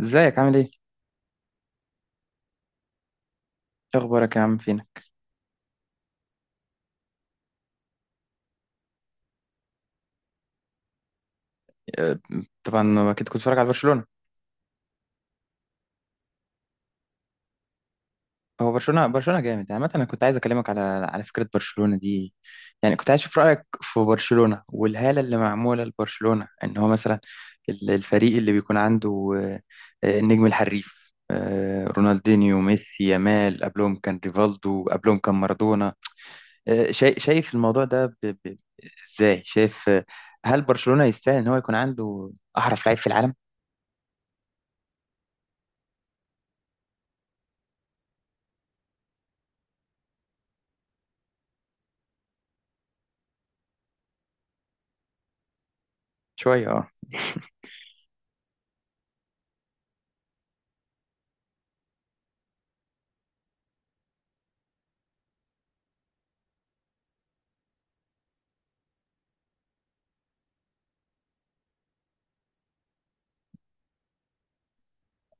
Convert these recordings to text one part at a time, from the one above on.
ازيك عامل ايه؟ ايه اخبارك يا عم فينا؟ آه، طبعا اكيد كنت بتتفرج على برشلونة. هو برشلونة برشلونة جامد، يعني مثلا انا كنت عايز اكلمك على فكرة برشلونة دي. يعني كنت عايز اشوف رأيك في برشلونة والهالة اللي معمولة لبرشلونة، ان هو مثلا الفريق اللي بيكون عنده النجم الحريف، رونالدينيو، ميسي، يامال، قبلهم كان ريفالدو، قبلهم كان مارادونا. شايف، الموضوع ده ازاي؟ شايف هل برشلونة يستاهل ان هو يكون عنده احرف لعيب في العالم؟ شوية، اه.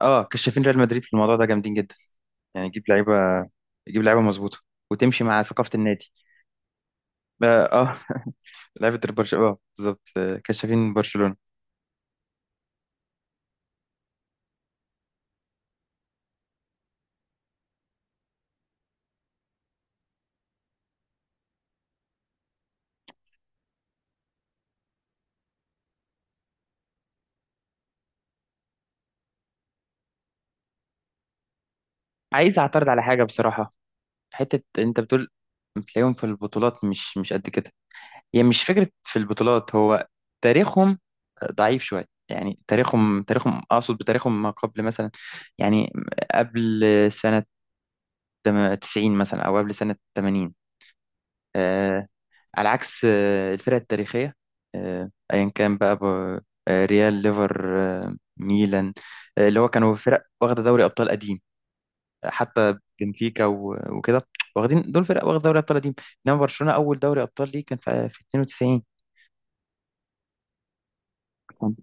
اه، كشافين ريال مدريد في الموضوع ده جامدين جدا. يعني يجيب لعيبه، مظبوطه، وتمشي مع ثقافه النادي. اه لعيبه برشلونه، اه بالظبط. كشافين برشلونه. عايز اعترض على حاجه بصراحه، حته انت بتقول بتلاقيهم في البطولات مش قد كده. هي يعني مش فكره في البطولات، هو تاريخهم ضعيف شويه، يعني تاريخهم اقصد بتاريخهم، ما قبل مثلا، يعني قبل سنه 90 مثلا، او قبل سنه 80. على عكس الفرق التاريخية، أيا كان بقى، ريال، ليفر، ميلان، اللي هو كانوا فرق واخدة دوري أبطال قديم، حتى بنفيكا وكده. واخدين، دول فرق واخدة دوري أبطال قديم، إنما برشلونة أول دوري أبطال ليه كان في 92. فاهم؟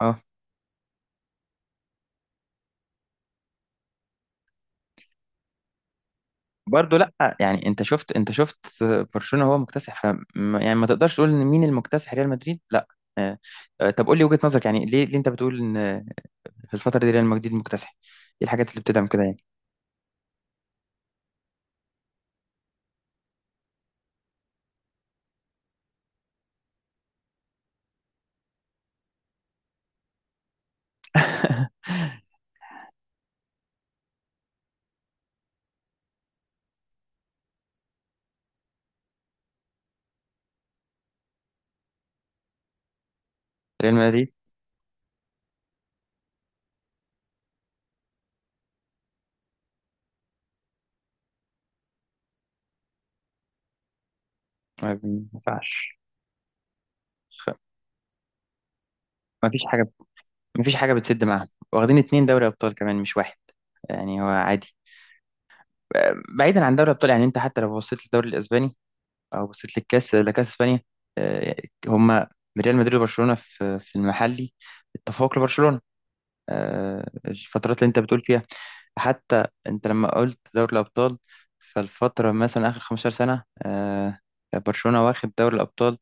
اه، برضه لا. يعني انت شفت، برشلونة هو مكتسح. ف يعني ما تقدرش تقول ان مين المكتسح، ريال مدريد لا. آه، طب قول لي وجهة نظرك، يعني ليه، انت بتقول ان في الفترة دي ريال مدريد مكتسح؟ ايه الحاجات اللي بتدعم كده يعني؟ ريال مدريد، ما ينفعش. خ- ما فيش حاجة، ما فيش حاجة بتسد معاهم. واخدين اتنين دوري أبطال كمان مش واحد، يعني هو عادي. بعيدا عن دوري الأبطال، يعني أنت حتى لو بصيت للدوري الأسباني أو بصيت للكاس، لكاس إسبانيا، آه، هما ريال مدريد وبرشلونة في المحلي، التفوق لبرشلونة. الفترات اللي أنت بتقول فيها، حتى أنت لما قلت دوري الأبطال، فالفترة مثلا آخر 15 سنة، برشلونة واخد دوري الأبطال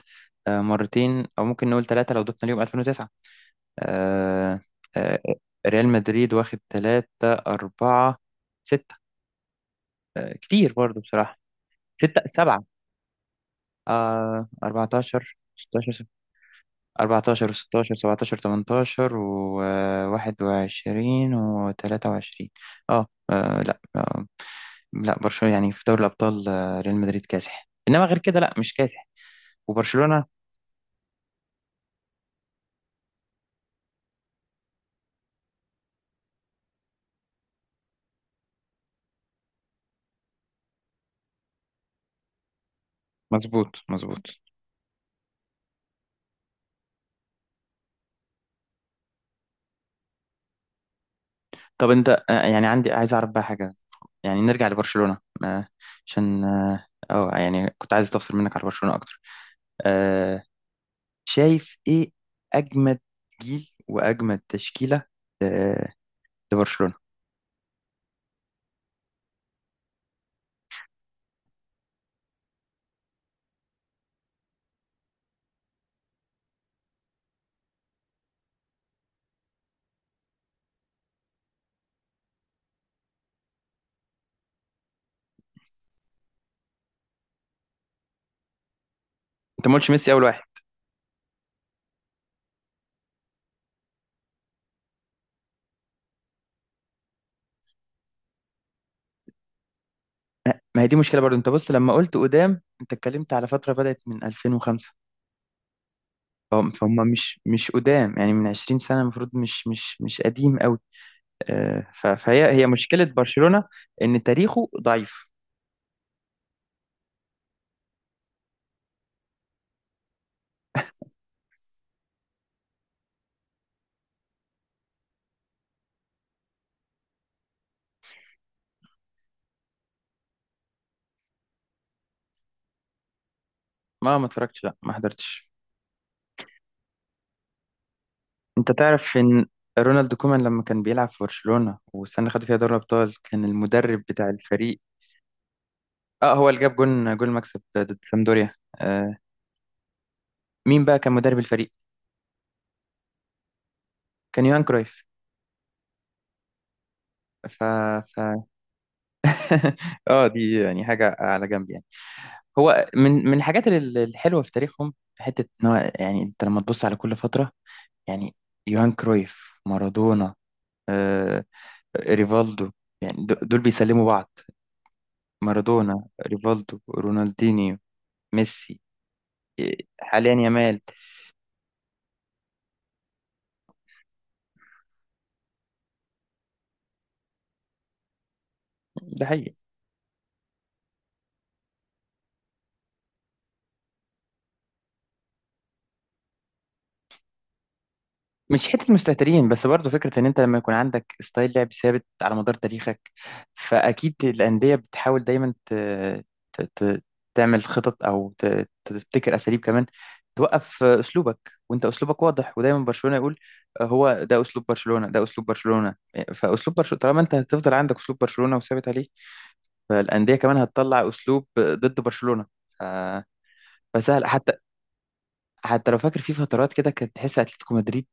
مرتين أو ممكن نقول ثلاثة لو ضفنا اليوم 2009. آه، آه، ريال مدريد واخد ثلاثة، أربعة، ستة، كتير برضه بصراحة. ستة، سبعة، 14، 16، 14 و16، 17، 18 و21 و23. اه لا، لا، برشلونة يعني في دوري الأبطال ريال مدريد كاسح، إنما غير كده لا، مش كاسح. وبرشلونة مظبوط مظبوط. طب أنت يعني عندي، عايز أعرف بقى حاجة، يعني نرجع لبرشلونة عشان يعني كنت عايز استفسر منك على برشلونة اكتر. آه شايف ايه اجمد جيل واجمد تشكيلة آه لبرشلونة؟ انت ما قلتش ميسي اول واحد. ما هي دي مشكلة برضو، انت بص لما قلت قدام، انت اتكلمت على فترة بدأت من 2005، فهم، مش قدام، يعني من 20 سنة المفروض، مش قديم قوي. فهي، هي مشكلة برشلونة ان تاريخه ضعيف. ما اتفرجتش، لا، ما حضرتش. انت تعرف ان رونالد كومان لما كان بيلعب في برشلونة والسنة اللي خدوا فيها دوري ابطال كان المدرب بتاع الفريق؟ اه، هو اللي جاب جون، المكسب ده ضد سامدوريا. آه مين بقى كان مدرب الفريق؟ كان يوهان كرويف. ف ف اه، دي يعني حاجة على جنب يعني. هو من الحاجات الحلوة في تاريخهم، حتة ان هو يعني انت لما تبص على كل فترة، يعني يوهان كرويف، مارادونا، آه ريفالدو، يعني دول بيسلموا بعض، مارادونا، ريفالدو، رونالدينيو، ميسي، حاليا يامال. ده حقيقي. مش حته مستهترين بس، برضه فكره ان انت لما يكون عندك ستايل لعب ثابت على مدار تاريخك، فاكيد الانديه بتحاول دايما ت... ت... تعمل خطط، او تبتكر اساليب كمان توقف اسلوبك. وانت اسلوبك واضح، ودايما برشلونه يقول هو ده اسلوب برشلونه، ده اسلوب برشلونه. فاسلوب برشلونه طالما انت هتفضل عندك اسلوب برشلونه وثابت عليه، فالانديه كمان هتطلع اسلوب ضد برشلونه. ف- فسهل حتى، حتى لو فاكر في فترات كده كانت تحس اتلتيكو مدريد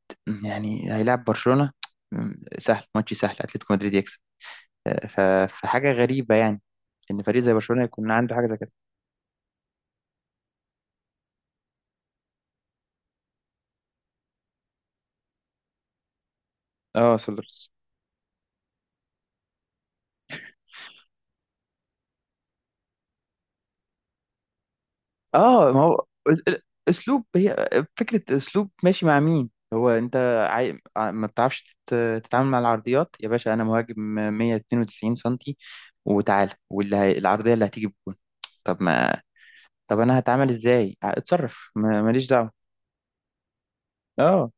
يعني هيلاعب برشلونة، سهل ماتش، سهل اتلتيكو مدريد يكسب. فحاجة غريبة يعني، ان فريق زي برشلونة يكون عنده حاجة زي كده. اه، سولدرز. اه، ما هو اسلوب. هي فكرة اسلوب ماشي مع مين. هو انت عاي... آه، ما بتعرفش تتعامل مع العرضيات؟ يا باشا، انا مهاجم 192 سنتي، وتعالى العرضية اللي هتيجي بجون. طب ما طب انا هتعامل ازاي؟ اتصرف، ماليش دعوة. اه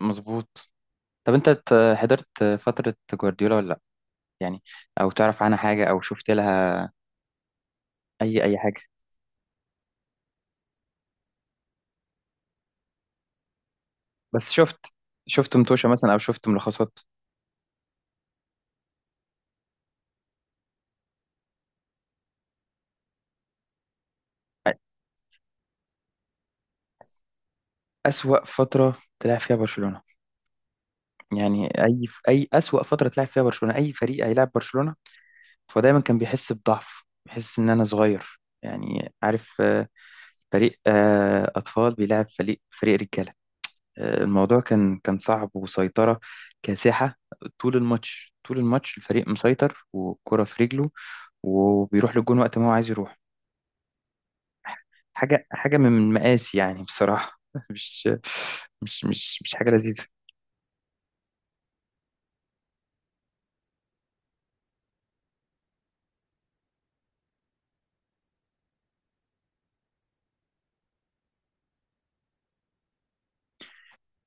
مظبوط. طب انت حضرت فترة جوارديولا ولا لا؟ يعني، او تعرف عنها حاجة، او شفت لها اي حاجة؟ بس شفت، متوشة مثلا، او شفت ملخصات. اسوأ فترة تلعب فيها برشلونة، يعني اي اسوأ فترة تلعب فيها برشلونة اي فريق هيلاعب برشلونة. فدايما كان بيحس بضعف، بيحس ان انا صغير، يعني عارف، فريق اطفال بيلعب فريق رجالة. الموضوع كان، صعب. وسيطرة كاسحة، طول الماتش طول الماتش الفريق مسيطر والكرة في رجله، وبيروح للجون وقت ما هو عايز يروح. حاجة من مقاسي يعني بصراحة. مش مش حاجة لذيذة.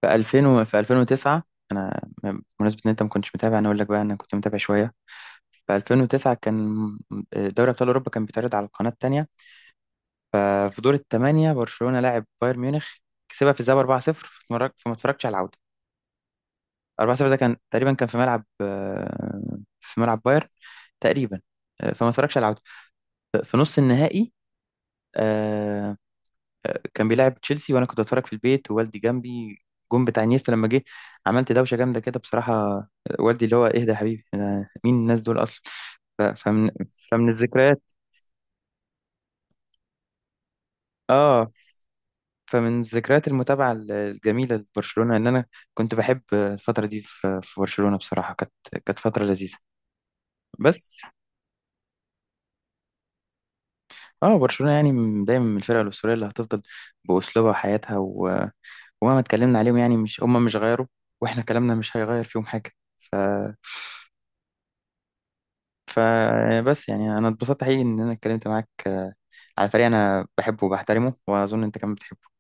في 2000 في 2009، أنا بمناسبة إن أنت ما كنتش متابع أنا أقول لك بقى، أنا كنت متابع شوية. في 2009 كان دوري أبطال أوروبا كان بيتعرض على القناة التانية. ففي دور الثمانية برشلونة لاعب بايرن ميونخ، كسبها في الذهاب 4-0، فما اتفرجتش على العودة. 4 0 ده كان تقريبا، كان في ملعب بايرن تقريبا. فما اتفرجش على العودة. في نص النهائي آه، كان بيلعب تشيلسي، وانا كنت بتفرج في البيت ووالدي جنبي. جون بتاع انيستا لما جه، عملت دوشة جامدة كده بصراحة. والدي اللي هو، اهدى يا حبيبي، مين الناس دول اصلا. ف- فمن فمن الذكريات اه فمن ذكريات المتابعة الجميلة لبرشلونة ان انا كنت بحب الفترة دي في برشلونة، بصراحة كانت، فترة لذيذة. بس، اه برشلونة يعني دايما من الفرق الأسطورية اللي هتفضل بأسلوبها وحياتها ومهما اتكلمنا عليهم، يعني مش غيروا، واحنا كلامنا مش هيغير فيهم حاجة. ف... ف بس يعني انا اتبسطت حقيقي ان انا اتكلمت معاك على فريق انا بحبه وبحترمه، واظن انت كمان بتحبه.